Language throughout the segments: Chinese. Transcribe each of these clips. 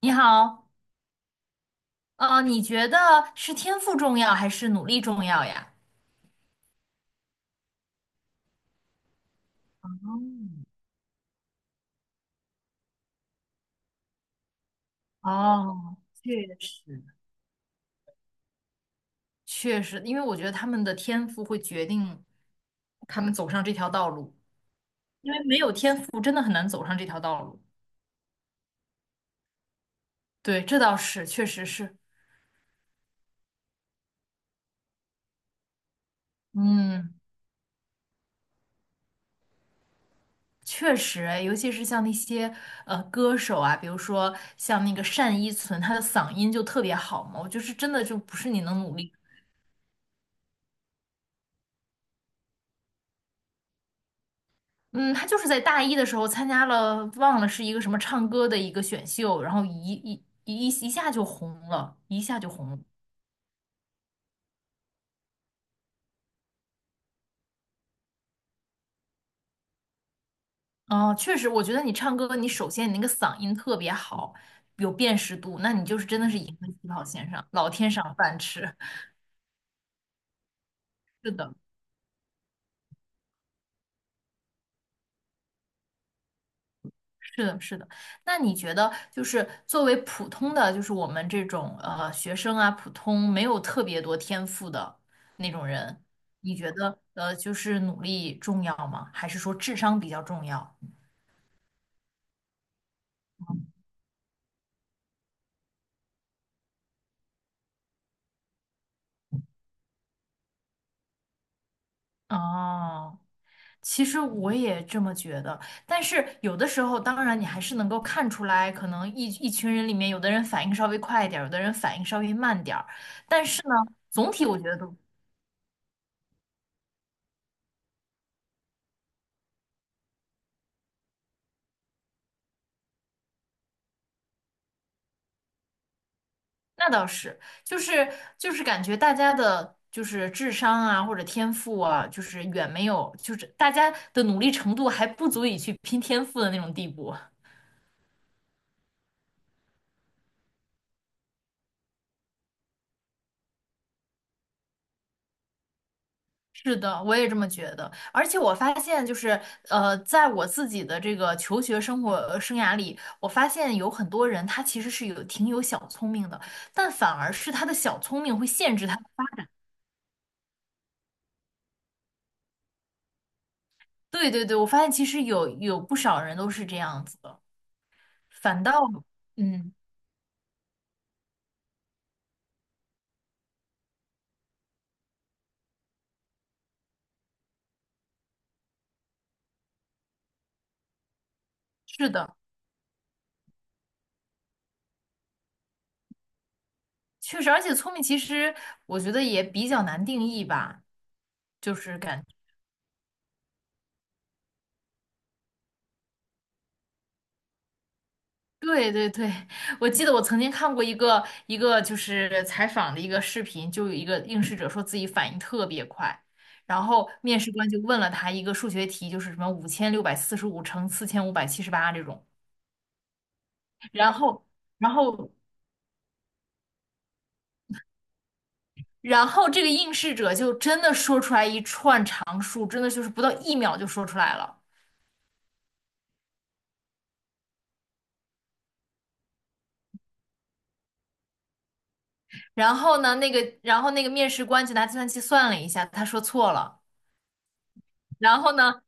你好，你觉得是天赋重要还是努力重要呀？哦，确实，确实，因为我觉得他们的天赋会决定他们走上这条道路，因为没有天赋真的很难走上这条道路。对，这倒是，确实是，嗯，确实诶尤其是像那些歌手啊，比如说像那个单依纯，她的嗓音就特别好嘛，我就是真的就不是你能努力。嗯，他就是在大一的时候参加了，忘了是一个什么唱歌的一个选秀，然后一下就红了，一下就红了。哦确实，我觉得你唱歌，你首先你那个嗓音特别好，有辨识度，那你就是真的是赢在起跑线上，老天赏饭吃。是的，是的，是的。那你觉得，就是作为普通的，就是我们这种学生啊，普通没有特别多天赋的那种人，你觉得就是努力重要吗？还是说智商比较重要？哦，其实我也这么觉得，但是有的时候，当然你还是能够看出来，可能一群人里面，有的人反应稍微快一点儿，有的人反应稍微慢点儿，但是呢，总体我觉得都。那倒是，就是就是感觉大家的，就是智商啊或者天赋啊，就是远没有，就是大家的努力程度还不足以去拼天赋的那种地步。是的，我也这么觉得。而且我发现，就是在我自己的这个求学生活生涯里，我发现有很多人他其实是有挺有小聪明的，但反而是他的小聪明会限制他。对对对，我发现其实有不少人都是这样子的，反倒嗯，是的。确实，而且聪明其实我觉得也比较难定义吧，就是感，对对对，我记得我曾经看过一个就是采访的一个视频，就有一个应试者说自己反应特别快，然后面试官就问了他一个数学题，就是什么5645乘4578这种，然后然后然后这个应试者就真的说出来一串常数，真的就是不到一秒就说出来了。然后呢，那个，然后那个面试官就拿计算器算了一下，他说错了。然后呢，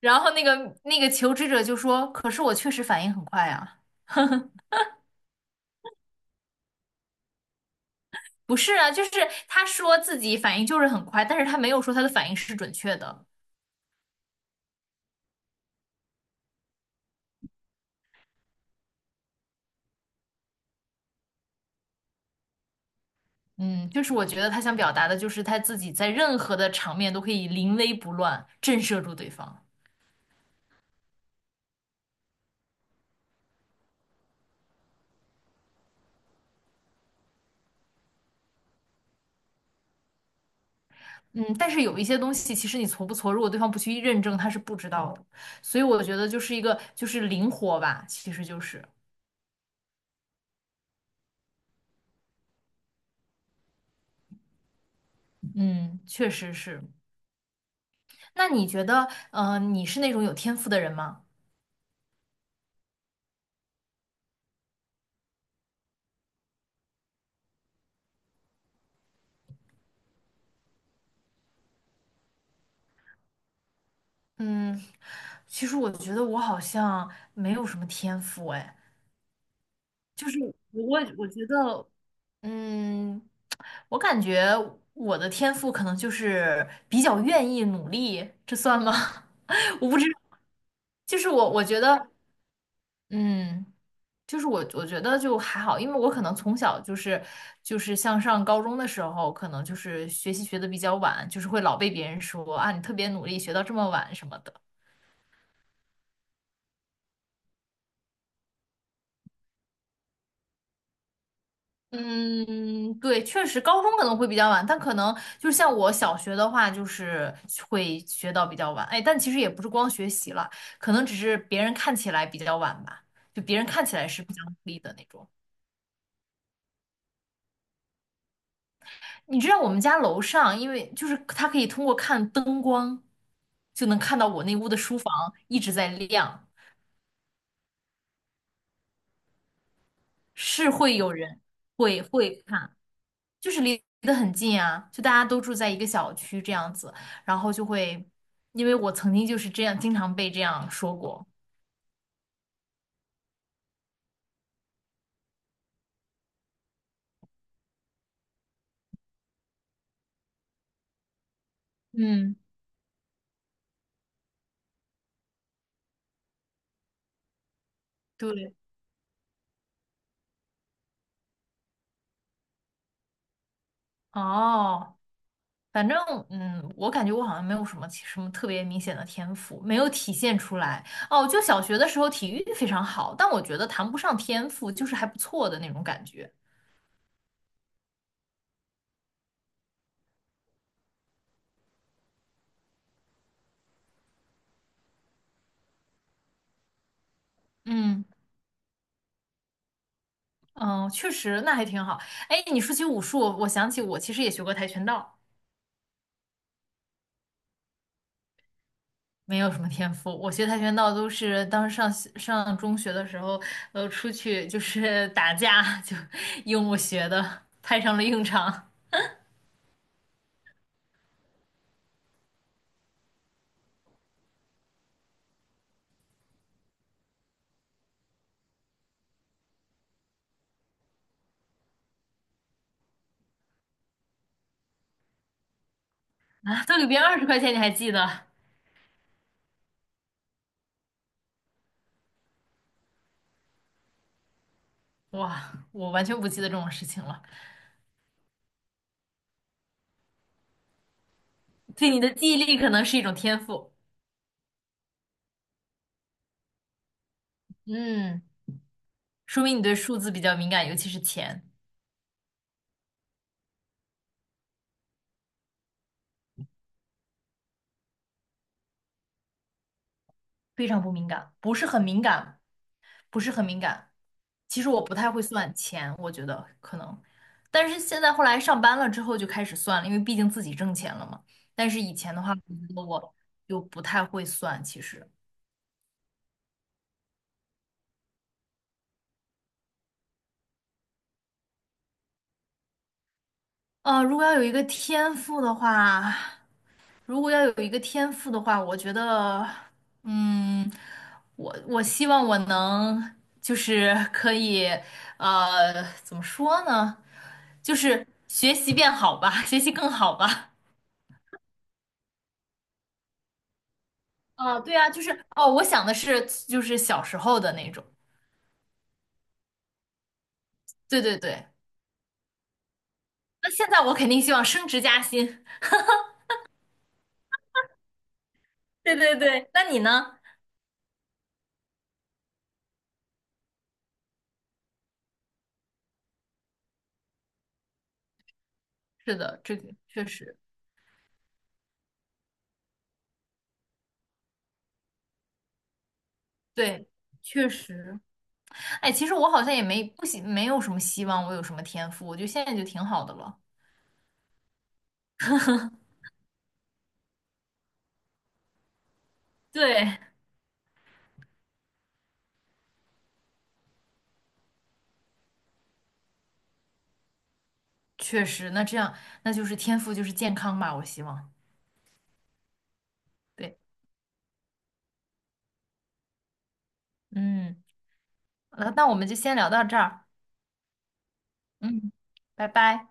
然后那个求职者就说：“可是我确实反应很快啊。”不是啊，就是他说自己反应就是很快，但是他没有说他的反应是准确的。嗯，就是我觉得他想表达的就是他自己在任何的场面都可以临危不乱，震慑住对方。嗯，但是有一些东西，其实你挫不挫，如果对方不去认证，他是不知道的。所以我觉得就是一个就是灵活吧，其实就是，嗯，确实是。那你觉得，呃，你是那种有天赋的人吗？嗯，其实我觉得我好像没有什么天赋，哎，就是我觉得，嗯，我感觉我的天赋可能就是比较愿意努力，这算吗？我不知道，就是我觉得，嗯。就是我觉得就还好，因为我可能从小就是就是像上高中的时候，可能就是学习学的比较晚，就是会老被别人说啊你特别努力，学到这么晚什么的。嗯，对，确实高中可能会比较晚，但可能就是像我小学的话，就是会学到比较晚。哎，但其实也不是光学习了，可能只是别人看起来比较晚吧，就别人看起来是比较努力的那种。你知道我们家楼上，因为就是它可以通过看灯光，就能看到我那屋的书房一直在亮，是会有人会看，就是离得很近啊，就大家都住在一个小区这样子，然后就会，因为我曾经就是这样，经常被这样说过，嗯，对，哦。反正，嗯，我感觉我好像没有什么什么特别明显的天赋，没有体现出来。哦，就小学的时候体育非常好，但我觉得谈不上天赋，就是还不错的那种感觉。嗯，嗯，确实，那还挺好。哎，你说起武术，我想起我其实也学过跆拳道，没有什么天赋。我学跆拳道都是当时上中学的时候，呃，出去就是打架，就 用我学的，派上了用场啊，都里边人20块钱，你还记得？哇，我完全不记得这种事情了。对，你的记忆力可能是一种天赋。嗯，说明你对数字比较敏感，尤其是钱，非常不敏感，不是很敏感，不是很敏感。其实我不太会算钱，我觉得可能，但是现在后来上班了之后就开始算了，因为毕竟自己挣钱了嘛。但是以前的话，我觉得我就不太会算，其实。呃，如果要有一个天赋的话，如果要有一个天赋的话，我觉得，嗯，我我希望我能就是可以，呃，怎么说呢？就是学习变好吧，学习更好吧。啊，对啊，就是哦，我想的是就是小时候的那种。对对对，那现在我肯定希望升职加薪。对对对，那你呢？是的，这个确实，对，确实。哎，其实我好像也没不希，没有什么希望，我有什么天赋，我觉得现在就挺好的了。对 确实，那这样那就是天赋就是健康吧，我希望。对，嗯，那那我们就先聊到这儿，嗯，拜拜。